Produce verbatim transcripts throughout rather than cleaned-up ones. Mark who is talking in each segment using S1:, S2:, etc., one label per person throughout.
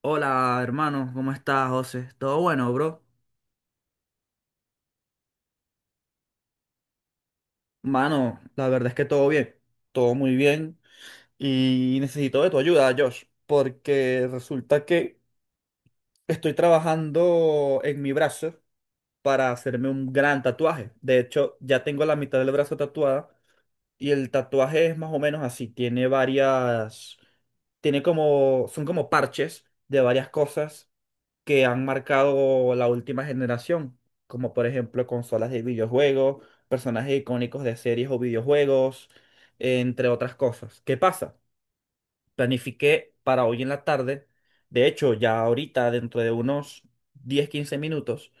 S1: Hola, hermano, ¿cómo estás, José? ¿Todo bueno, bro? Mano, la verdad es que todo bien, todo muy bien y necesito de tu ayuda, Josh, porque resulta que estoy trabajando en mi brazo para hacerme un gran tatuaje. De hecho, ya tengo la mitad del brazo tatuada y el tatuaje es más o menos así, tiene varias, tiene como, son como parches de varias cosas que han marcado la última generación, como por ejemplo consolas de videojuegos, personajes icónicos de series o videojuegos, entre otras cosas. ¿Qué pasa? Planifiqué para hoy en la tarde, de hecho ya ahorita dentro de unos diez, quince minutos,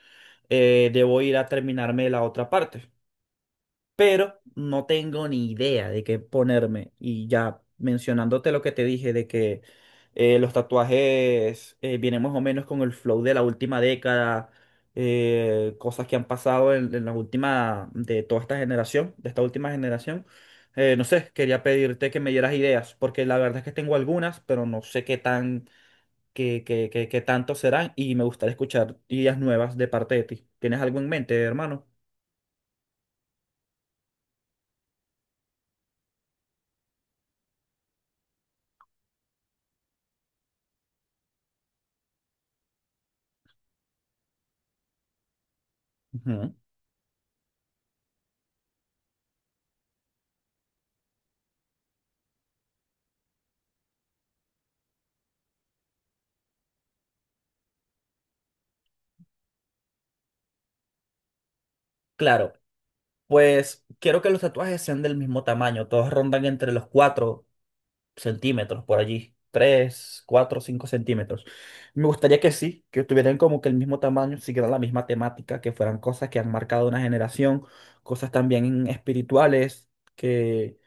S1: eh, debo ir a terminarme la otra parte, pero no tengo ni idea de qué ponerme. Y ya mencionándote lo que te dije de que eh, los tatuajes eh, vienen más o menos con el flow de la última década, eh, cosas que han pasado en, en la última, de toda esta generación, de esta última generación. Eh, no sé, quería pedirte que me dieras ideas, porque la verdad es que tengo algunas, pero no sé qué tan, qué, qué, qué, qué tanto serán y me gustaría escuchar ideas nuevas de parte de ti. ¿Tienes algo en mente, hermano? Ujú. Claro. Pues quiero que los tatuajes sean del mismo tamaño, todos rondan entre los cuatro centímetros por allí, tres, cuatro, cinco centímetros. Me gustaría que sí, que tuvieran como que el mismo tamaño, siguieran la misma temática, que fueran cosas que han marcado una generación, cosas también espirituales, que,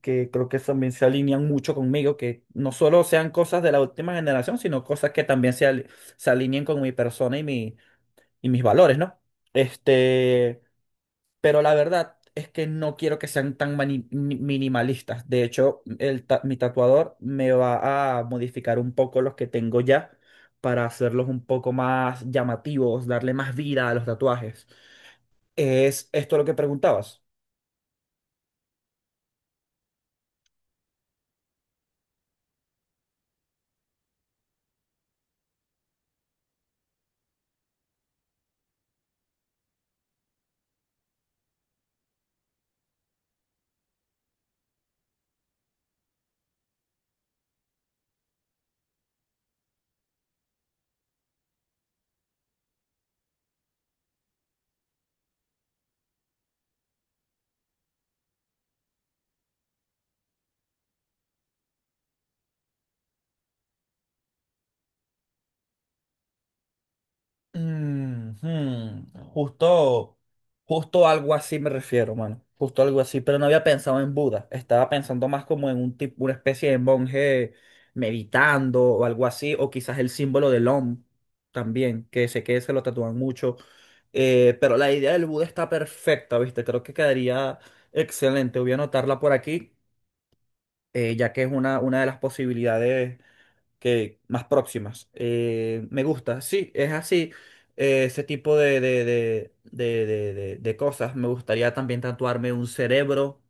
S1: que creo que también se alinean mucho conmigo, que no solo sean cosas de la última generación, sino cosas que también se, ali- se alineen con mi persona y, mi, y mis valores, ¿no? Este... Pero la verdad es que no quiero que sean tan mani- mi- minimalistas. De hecho, el ta- mi tatuador me va a modificar un poco los que tengo ya para hacerlos un poco más llamativos, darle más vida a los tatuajes. ¿Es esto lo que preguntabas? Mm, hmm. Justo, justo algo así me refiero, mano. Justo algo así, pero no había pensado en Buda. Estaba pensando más como en un tipo, una especie de monje meditando o algo así, o quizás el símbolo del Om también, que sé que se lo tatúan mucho. Eh, pero la idea del Buda está perfecta, ¿viste? Creo que quedaría excelente. Voy a anotarla por aquí, eh, ya que es una, una de las posibilidades que más próximas. Eh, me gusta, sí, es así. Eh, ese tipo de, de, de, de, de, de- de cosas. Me gustaría también tatuarme un cerebro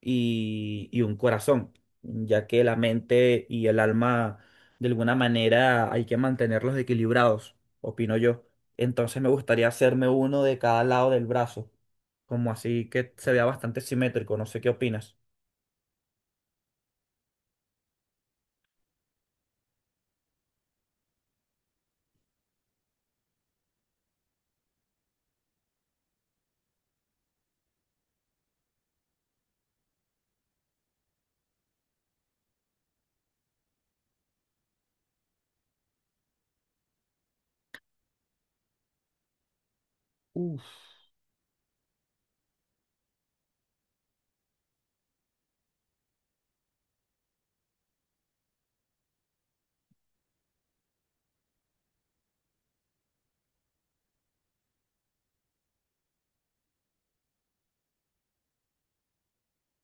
S1: y, y un corazón, ya que la mente y el alma, de alguna manera, hay que mantenerlos equilibrados, opino yo. Entonces me gustaría hacerme uno de cada lado del brazo, como así que se vea bastante simétrico. No sé qué opinas. Uf.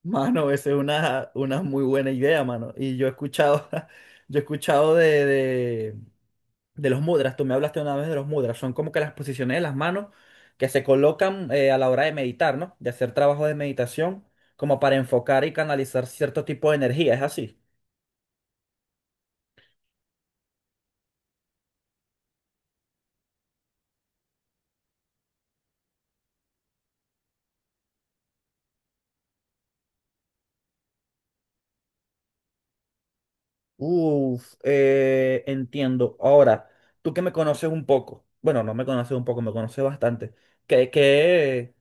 S1: Mano, esa es una, una muy buena idea, mano. Y yo he escuchado, yo he escuchado de, de, de los mudras. Tú me hablaste una vez de los mudras. Son como que las posiciones de las manos que se colocan eh, a la hora de meditar, ¿no? De hacer trabajo de meditación, como para enfocar y canalizar cierto tipo de energía. Es así. Uf, eh, entiendo. Ahora, tú que me conoces un poco, bueno, no me conoces un poco, me conoces bastante. ¿Qué, qué?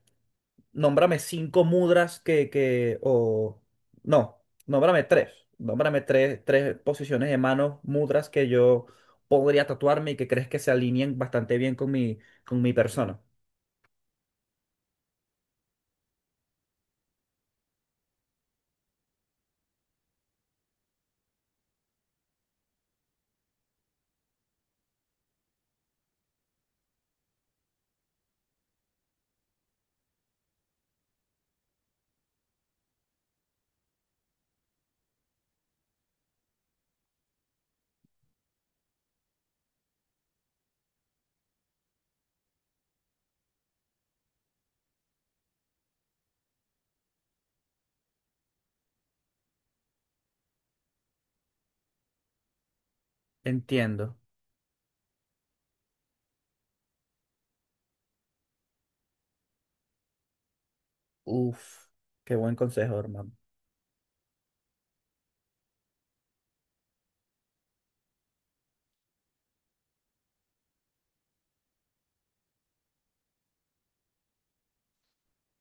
S1: Nómbrame cinco mudras que, que, o, no, nómbrame tres, nómbrame tres, tres posiciones de manos, mudras que yo podría tatuarme y que crees que se alineen bastante bien con mi, con mi persona. Entiendo. Uf, qué buen consejo, hermano.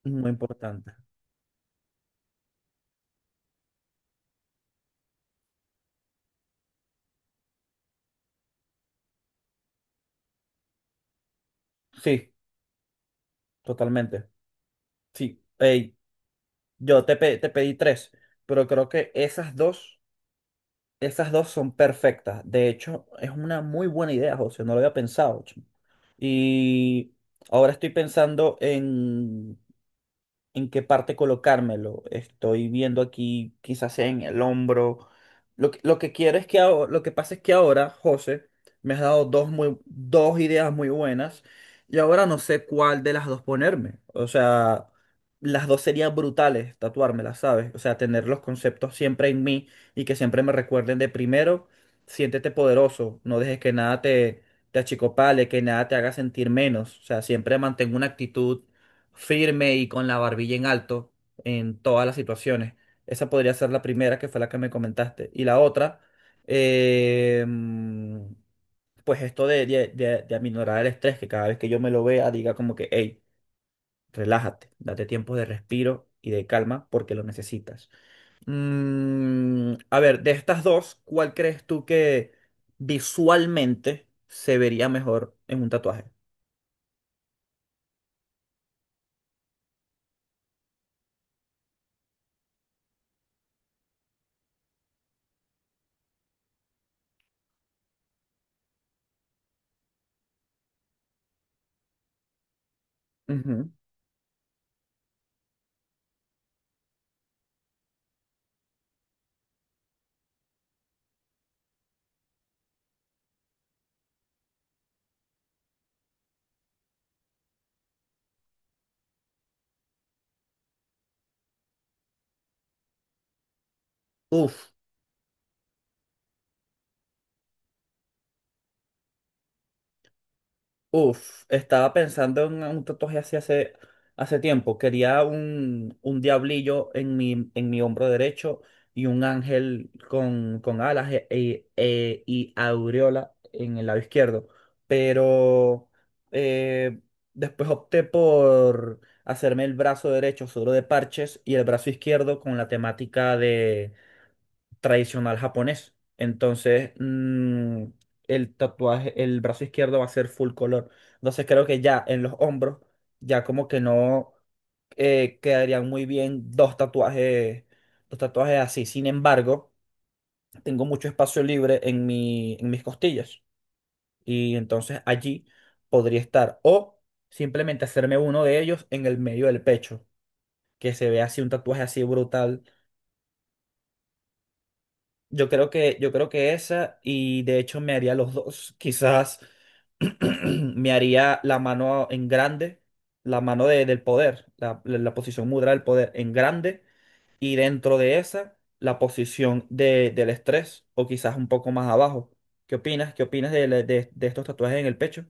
S1: Muy importante. Sí, totalmente. Sí. Ey, yo te, pe- te pedí tres, pero creo que esas dos, esas dos son perfectas. De hecho, es una muy buena idea, José. No lo había pensado. Y ahora estoy pensando en en qué parte colocármelo. Estoy viendo aquí, quizás sea en el hombro. Lo que, lo que quiero es que aho- lo que pasa es que ahora, José, me has dado dos muy, dos ideas muy buenas y ahora no sé cuál de las dos ponerme. O sea, las dos serían brutales tatuármelas, ¿sabes? O sea, tener los conceptos siempre en mí y que siempre me recuerden de primero, siéntete poderoso, no dejes que nada te te achicopale, que nada te haga sentir menos. O sea, siempre mantengo una actitud firme y con la barbilla en alto en todas las situaciones. Esa podría ser la primera, que fue la que me comentaste. Y la otra, eh, pues esto de, de, de- de aminorar el estrés, que cada vez que yo me lo vea diga como que, hey, relájate, date tiempo de respiro y de calma porque lo necesitas. Mm, a ver, de estas dos, ¿cuál crees tú que visualmente se vería mejor en un tatuaje? Ujú. Uf. Uf, estaba pensando en un tatuaje así hace, hace tiempo. Quería un, un diablillo en mi, en mi hombro derecho y un ángel con, con alas e- e- e- y aureola en el lado izquierdo. Pero eh, después opté por hacerme el brazo derecho solo de parches y el brazo izquierdo con la temática tradicional japonés. Entonces, mm, el tatuaje, el brazo izquierdo va a ser full color. Entonces, creo que ya en los hombros, ya como que no eh, quedarían muy bien dos tatuajes, dos tatuajes así. Sin embargo, tengo mucho espacio libre en mi, en mis costillas. Y entonces allí podría estar. O simplemente hacerme uno de ellos en el medio del pecho. Que se vea así un tatuaje así brutal. Yo creo que, yo creo que esa, y de hecho me haría los dos. Quizás me haría la mano en grande, la mano de- del poder, la, la- la posición mudra del poder en grande, y dentro de esa, la posición de- del estrés, o quizás un poco más abajo. ¿Qué opinas? ¿Qué opinas de, la- de- de estos tatuajes en el pecho?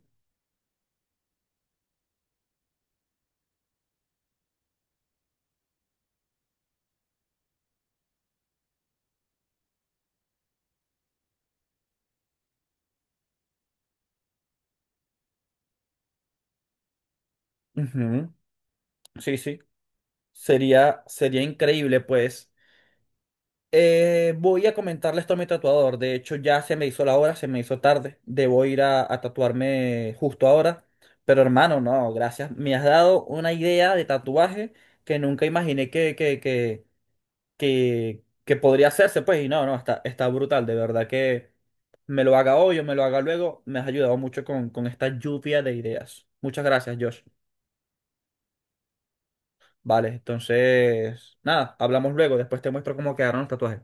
S1: Ujú. Sí, sí. Sería, sería increíble, pues. Eh, voy a comentarle esto a mi tatuador. De hecho, ya se me hizo la hora, se me hizo tarde. Debo ir a, a tatuarme justo ahora. Pero hermano, no, gracias. Me has dado una idea de tatuaje que nunca imaginé que, que, que, que, que podría hacerse. Pues, y no, no, está, está brutal. De verdad que me lo haga hoy o me lo haga luego. Me has ayudado mucho con, con esta lluvia de ideas. Muchas gracias, Josh. Vale, entonces, nada, hablamos luego. Después te muestro cómo quedaron los tatuajes.